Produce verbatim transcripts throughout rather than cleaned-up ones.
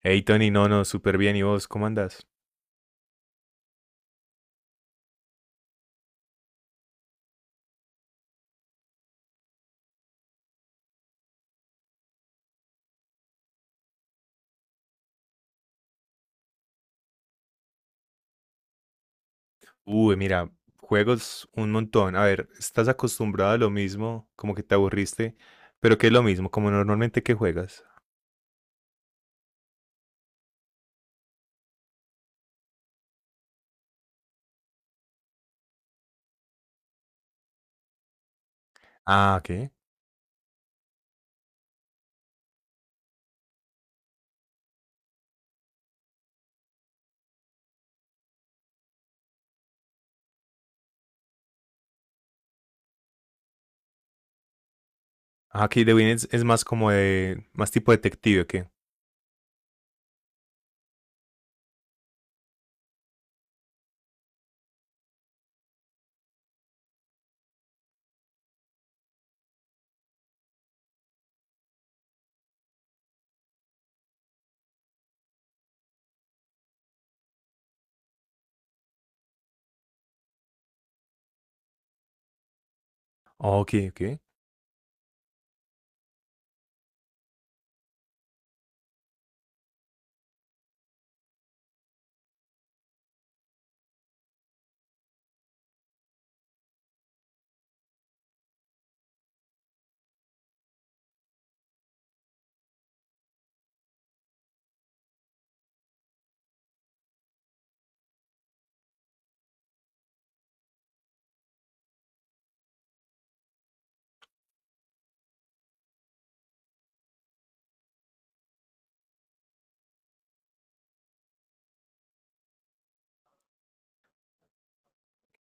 Hey Tony, no, no, súper bien. ¿Y vos cómo andas? Uy, mira, juegos un montón. A ver, ¿estás acostumbrado a lo mismo? Como que te aburriste, pero ¿qué es lo mismo? Como normalmente que juegas. Ah, ¿qué? Ah, ok, The Witness es más como de, más tipo detective, ¿o qué? Oh, ok, ok.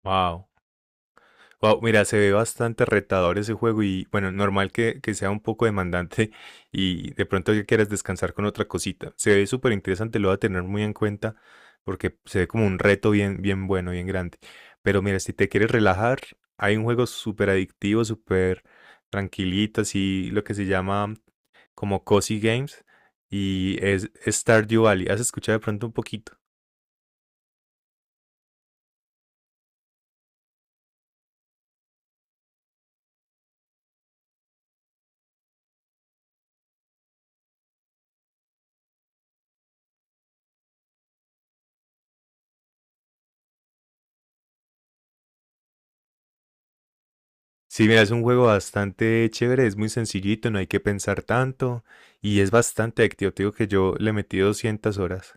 Wow. Wow, mira, se ve bastante retador ese juego y bueno, normal que, que sea un poco demandante y de pronto que quieras descansar con otra cosita. Se ve súper interesante, lo voy a tener muy en cuenta porque se ve como un reto bien, bien bueno, bien grande. Pero mira, si te quieres relajar, hay un juego súper adictivo, súper tranquilito, así lo que se llama como Cozy Games y es Stardew Valley. ¿Has escuchado de pronto un poquito? Sí, mira, es un juego bastante chévere, es muy sencillito, no hay que pensar tanto y es bastante activo. Te digo que yo le metí doscientas horas.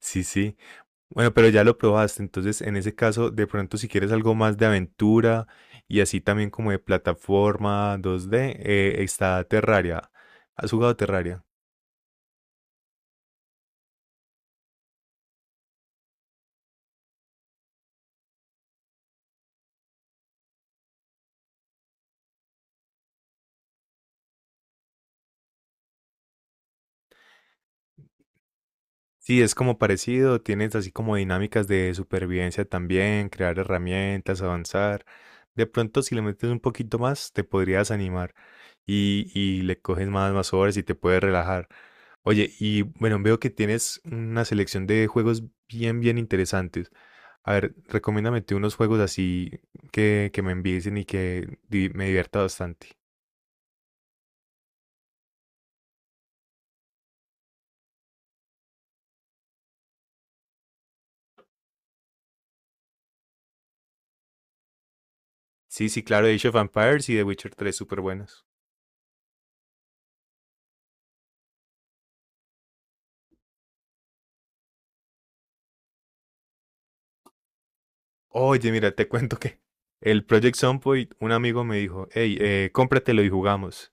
Sí, sí. Bueno, pero ya lo probaste, entonces en ese caso, de pronto si quieres algo más de aventura y así también como de plataforma dos D, eh, está Terraria. ¿Has jugado Terraria? Sí, es como parecido, tienes así como dinámicas de supervivencia también, crear herramientas, avanzar. De pronto, si le metes un poquito más, te podrías animar y, y le coges más, más horas y te puedes relajar. Oye, y bueno, veo que tienes una selección de juegos bien, bien interesantes. A ver, recomiéndame tú unos juegos así que, que me envicien y que di- me divierta bastante. Sí, sí, claro, Age of Empires y The Witcher tres súper buenos. Oye, mira, te cuento que el Project Sunpoint, un amigo me dijo, hey, eh, cómpratelo y jugamos.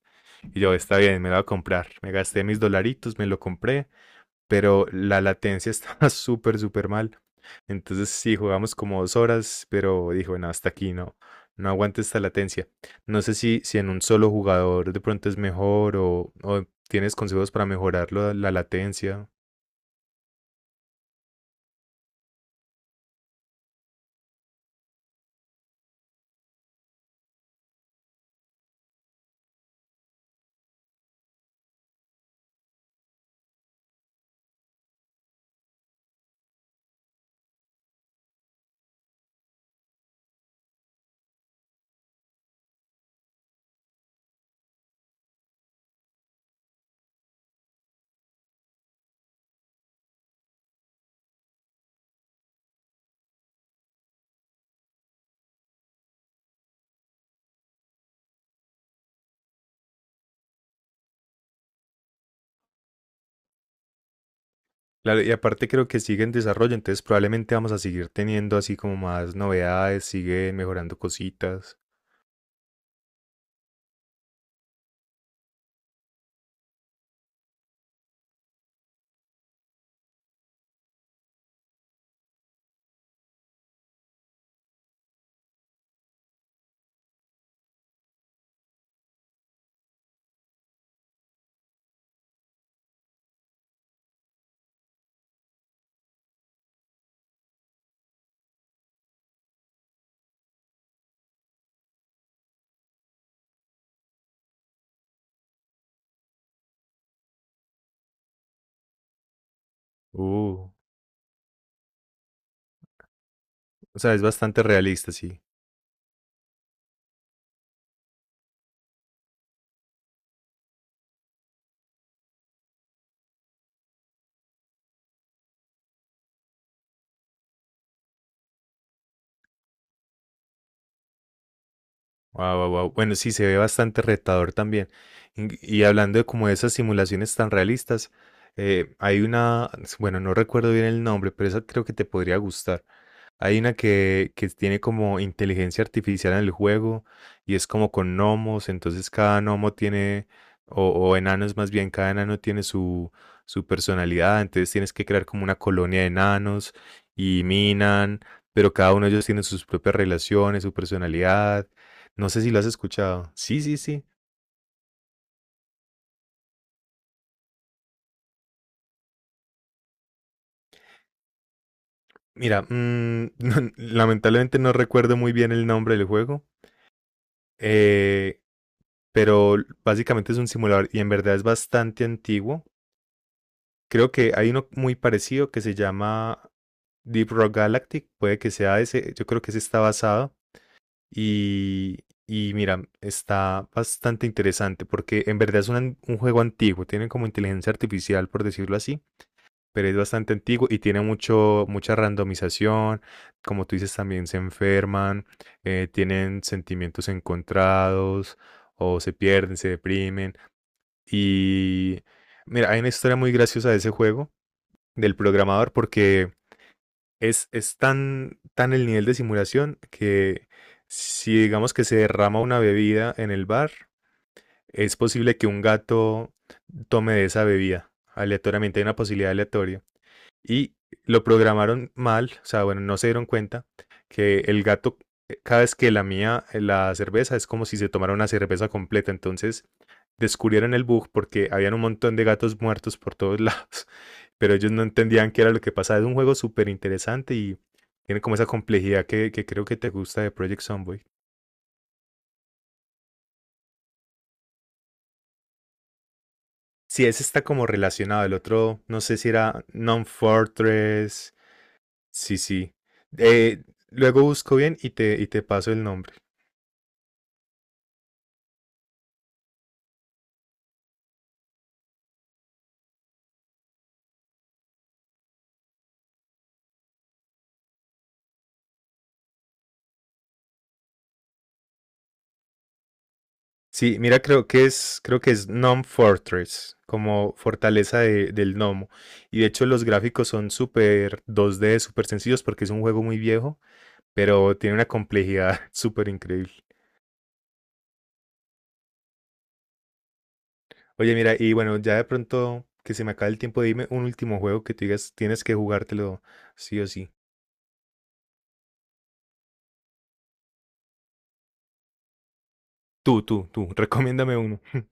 Y yo, está bien, me lo voy a comprar. Me gasté mis dolaritos, me lo compré, pero la latencia estaba súper, súper mal. Entonces sí, jugamos como dos horas, pero dijo, no, hasta aquí no, no aguanta esta latencia. No sé si, si en un solo jugador de pronto es mejor o, o tienes consejos para mejorar la la latencia. Claro, y aparte creo que sigue en desarrollo, entonces probablemente vamos a seguir teniendo así como más novedades, sigue mejorando cositas. Uh, o sea, es bastante realista, sí. Wow, wow, wow. Bueno, sí, se ve bastante retador también. Y y hablando de como esas simulaciones tan realistas, eh, hay una, bueno, no recuerdo bien el nombre, pero esa creo que te podría gustar. Hay una que, que tiene como inteligencia artificial en el juego y es como con gnomos, entonces cada gnomo tiene, o, o enanos más bien, cada enano tiene su, su personalidad, entonces tienes que crear como una colonia de enanos y minan, pero cada uno de ellos tiene sus propias relaciones, su personalidad. No sé si lo has escuchado. Sí, sí, sí. Mira, mm, lamentablemente no recuerdo muy bien el nombre del juego. eh, pero básicamente es un simulador y en verdad es bastante antiguo. Creo que hay uno muy parecido que se llama Deep Rock Galactic, puede que sea ese, yo creo que ese está basado y, y mira, está bastante interesante porque en verdad es un, an- un juego antiguo, tiene como inteligencia artificial por decirlo así, pero es bastante antiguo y tiene mucho, mucha randomización, como tú dices también se enferman, eh, tienen sentimientos encontrados o se pierden, se deprimen y mira, hay una historia muy graciosa de ese juego del programador porque es, es tan, tan el nivel de simulación que si digamos que se derrama una bebida en el bar, es posible que un gato tome de esa bebida aleatoriamente, hay una posibilidad aleatoria y lo programaron mal, o sea, bueno, no se dieron cuenta que el gato, eh, cada vez que lamía eh, la cerveza, es como si se tomara una cerveza completa. Entonces descubrieron el bug porque habían un montón de gatos muertos por todos lados, pero ellos no entendían qué era lo que pasaba. Es un juego súper interesante y tiene como esa complejidad que, que creo que te gusta de Project Zomboid. Sí, ese está como relacionado. El otro, no sé si era Non-Fortress. Sí, sí. Eh, Luego busco bien y te, y te paso el nombre. Sí, mira, creo que es, creo que es Gnome Fortress, como fortaleza de- del gnomo. Y de hecho los gráficos son súper dos D, súper sencillos porque es un juego muy viejo, pero tiene una complejidad súper increíble. Oye, mira, y bueno, ya de pronto que se me acabe el tiempo, dime un último juego que tú digas, tienes que jugártelo sí o sí. Tú, tú, tú, recomiéndame uno.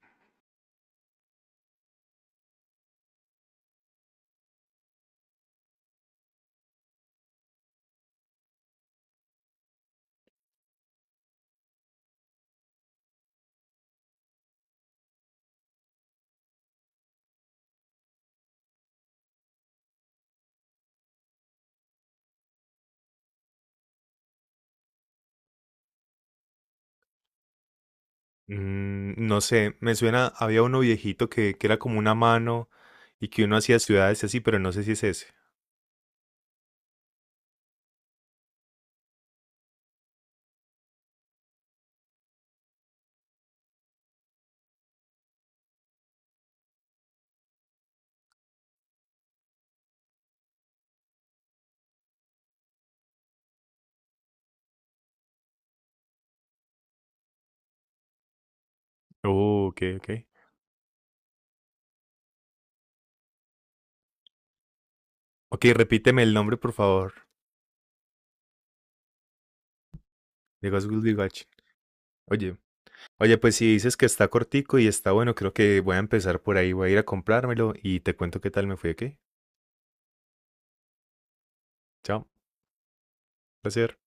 Mm, no sé, me suena, había uno viejito que, que era como una mano y que uno hacía ciudades y así, pero no sé si es ese. Oh, ok, ok. Ok, repíteme el nombre, por favor. De Ghost Will Be Watching. Oye, oye, pues si dices que está cortico y está bueno, creo que voy a empezar por ahí. Voy a ir a comprármelo y te cuento qué tal me fue, ¿ok? Chao, placer.